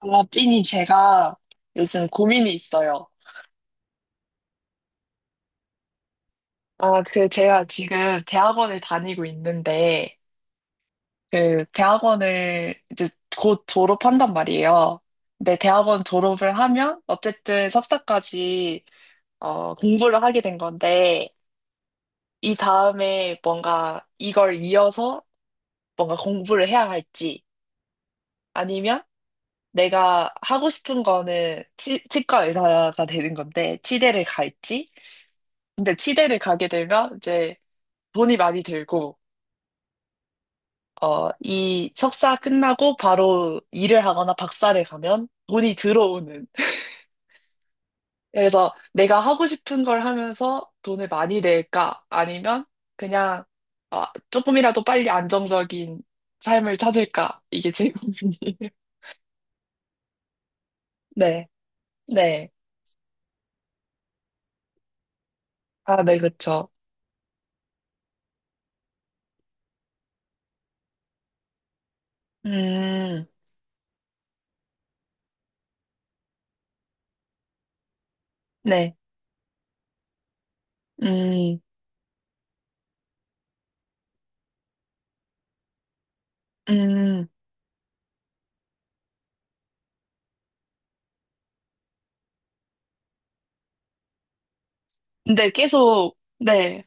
아, 삐님, 제가 요즘 고민이 있어요. 아, 그, 제가 지금 대학원을 다니고 있는데, 그, 대학원을 이제 곧 졸업한단 말이에요. 근데 대학원 졸업을 하면, 어쨌든 석사까지, 공부를 하게 된 건데, 이 다음에 뭔가 이걸 이어서 뭔가 공부를 해야 할지, 아니면 내가 하고 싶은 거는 치과 의사가 되는 건데, 치대를 갈지, 근데 치대를 가게 되면 이제 돈이 많이 들고, 이 석사 끝나고 바로 일을 하거나 박사를 가면 돈이 들어오는. 그래서 내가 하고 싶은 걸 하면서 돈을 많이 낼까? 아니면 그냥 어, 조금이라도 빨리 안정적인 삶을 찾을까? 이게 제 고민이에요. 네, 네. 아, 네, 그쵸. 음, 네, 음, 음. 근데 계속, 네,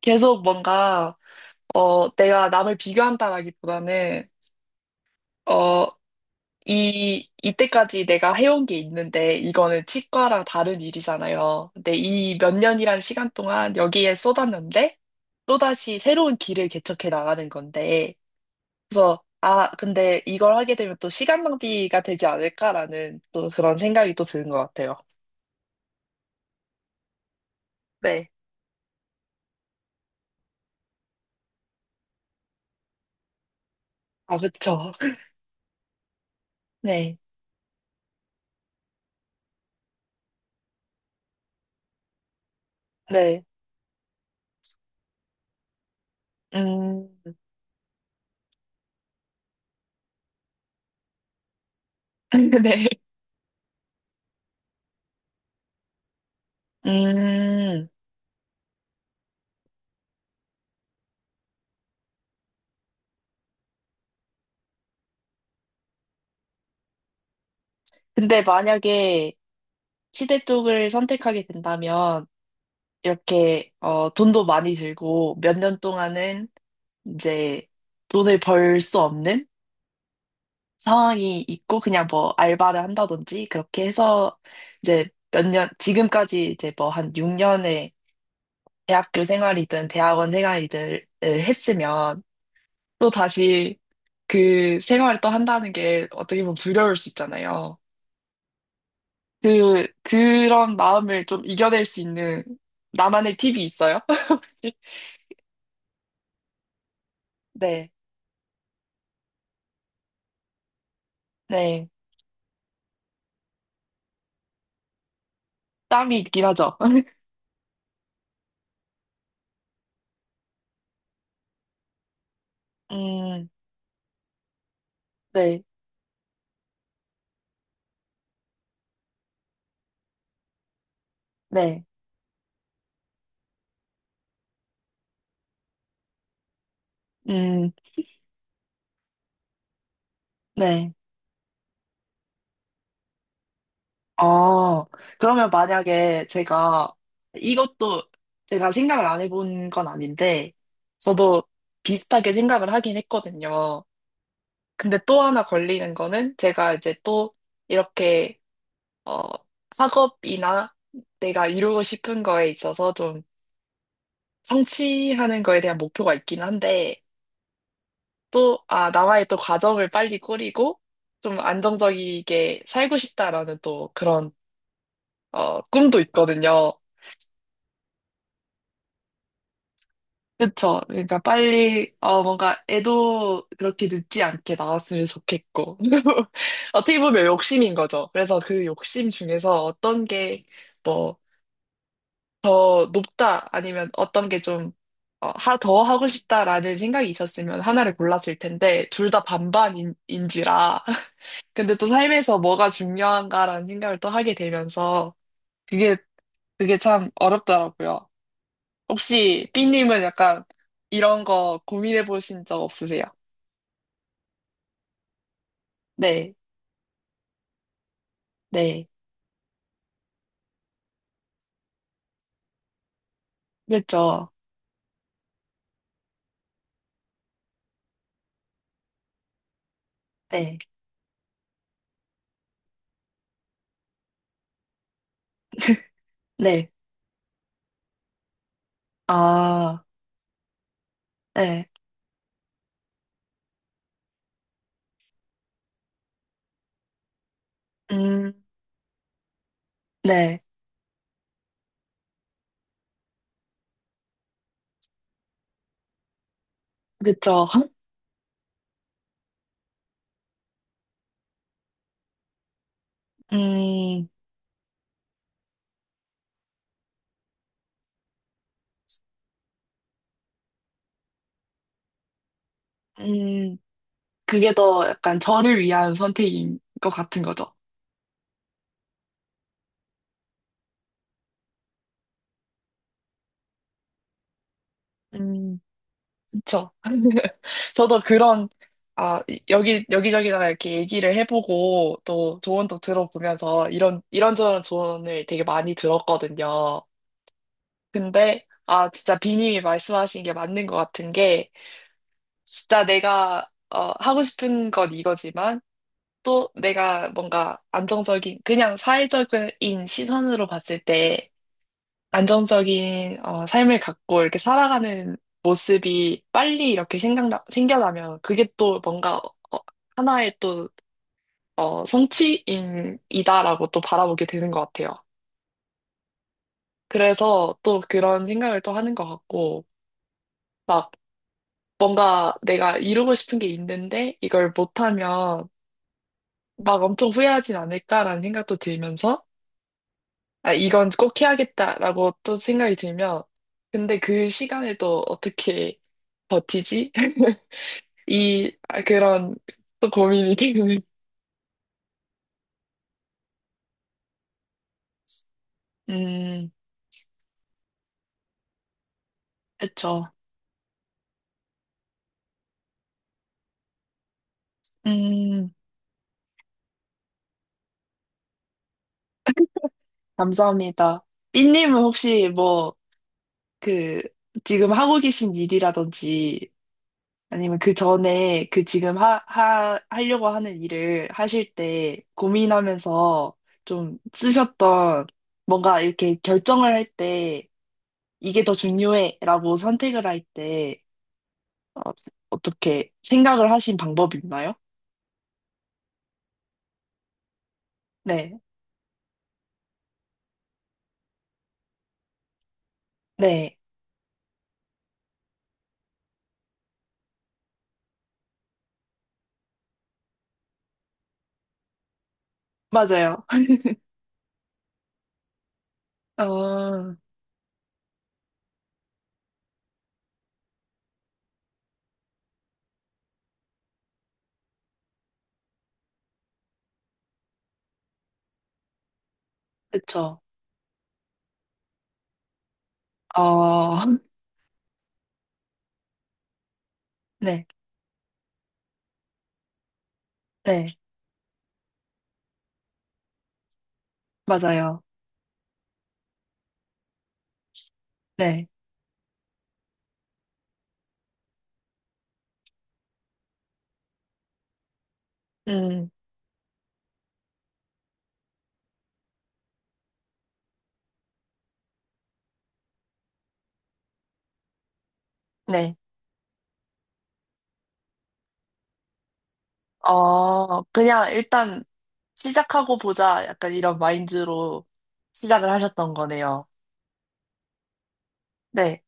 계속 뭔가, 내가 남을 비교한다라기보다는, 어, 이때까지 내가 해온 게 있는데, 이거는 치과랑 다른 일이잖아요. 근데 이 몇 년이란 시간 동안 여기에 쏟았는데, 또다시 새로운 길을 개척해 나가는 건데, 그래서, 근데 이걸 하게 되면 또 시간 낭비가 되지 않을까라는 또 그런 생각이 또 드는 것 같아요. 네. 아, 그쵸. 네. 네. 음, 네. 음, 근데 만약에 치대 쪽을 선택하게 된다면, 이렇게 돈도 많이 들고 몇 년 동안은 이제 돈을 벌 수 없는 상황이 있고 그냥 뭐 알바를 한다든지 그렇게 해서 이제 몇 년, 지금까지 이제 뭐 한 6년의 대학교 생활이든 대학원 생활이든 을 했으면 또 다시 그 생활을 또 한다는 게 어떻게 보면 두려울 수 있잖아요. 그런 마음을 좀 이겨낼 수 있는 나만의 팁이 있어요? 네, 네. 땀이 있긴 하죠. 음, 네, 네, 음, 네. 어, 그러면 만약에 제가 이것도 제가 생각을 안 해본 건 아닌데, 저도 비슷하게 생각을 하긴 했거든요. 근데 또 하나 걸리는 거는 제가 이제 또 이렇게, 어, 학업이나 내가 이루고 싶은 거에 있어서 좀 성취하는 거에 대한 목표가 있긴 한데, 또, 나와의 또 과정을 빨리 꾸리고 좀 안정적이게 살고 싶다라는 또 그런, 꿈도 있거든요. 그쵸. 그러니까 빨리, 뭔가 애도 그렇게 늦지 않게 나왔으면 좋겠고. 어떻게 보면 욕심인 거죠. 그래서 그 욕심 중에서 어떤 게 뭐, 더 높다 아니면 어떤 게 좀, 더 하고 싶다라는 생각이 있었으면 하나를 골랐을 텐데, 둘 다 반반인지라. 근데 또 삶에서 뭐가 중요한가라는 생각을 또 하게 되면서 그게 그게 참 어렵더라고요. 혹시 삐님은 약간 이런 거 고민해 보신 적 없으세요? 네, 네, 그렇죠. 네, 네, 아, 네. 음, 네. 그렇죠. 음, 음, 그게 더 약간 저를 위한 선택인 것 같은 거죠. 음. 그쵸. 저도 그런, 아, 여기저기다가 이렇게 얘기를 해보고 또 조언도 들어보면서 이런저런 조언을 되게 많이 들었거든요. 근데, 진짜 비님이 말씀하신 게 맞는 것 같은 게, 진짜 내가, 하고 싶은 건 이거지만, 또 내가 뭔가 안정적인, 그냥 사회적인 시선으로 봤을 때, 안정적인 삶을 갖고 이렇게 살아가는 모습이 빨리 이렇게 생겨나면 그게 또 뭔가 하나의 또 성취인이다라고 또 바라보게 되는 것 같아요. 그래서 또 그런 생각을 또 하는 것 같고 막 뭔가 내가 이루고 싶은 게 있는데 이걸 못하면 막 엄청 후회하진 않을까라는 생각도 들면서 이건 꼭 해야겠다라고 또 생각이 들면 근데 그 시간을 또 어떻게 버티지? 그런, 또 고민이 되는. 음, 그쵸. 음, 감사합니다. 삐님은 혹시 뭐, 그, 지금 하고 계신 일이라든지, 아니면 그 전에 그 지금 하려고 하는 일을 하실 때 고민하면서 좀 쓰셨던 뭔가 이렇게 결정을 할 때, 이게 더 중요해 라고 선택을 할 때, 어, 어떻게 생각을 하신 방법이 있나요? 네, 네, 맞아요. 어, 그쵸. 어, 네, 네, 맞아요. 네, 음, 네. 그냥 일단 시작하고 보자. 약간 이런 마인드로 시작을 하셨던 거네요. 네,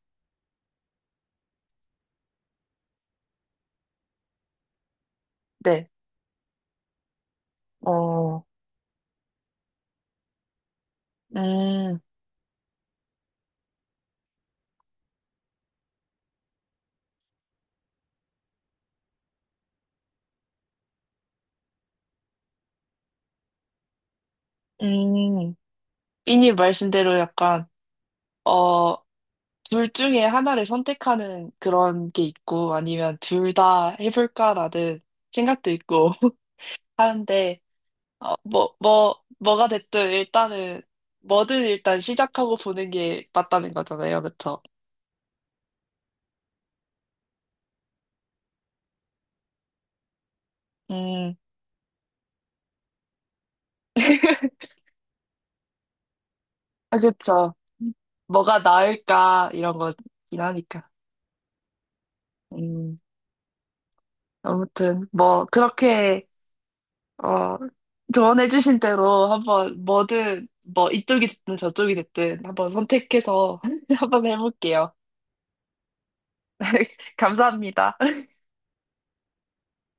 네. 어, 음, 음. 삐님 말씀대로 약간, 어, 둘 중에 하나를 선택하는 그런 게 있고, 아니면 둘 다 해볼까라는 생각도 있고 하는데, 뭐가 됐든 일단은, 뭐든 일단 시작하고 보는 게 맞다는 거잖아요. 그쵸? 음, 아, 그쵸. 뭐가 나을까, 이런 거긴 하니까. 음, 아무튼, 뭐, 그렇게, 어, 조언해주신 대로 한번 뭐든, 뭐, 이쪽이 됐든 저쪽이 됐든 한번 선택해서 한번 해볼게요. 감사합니다.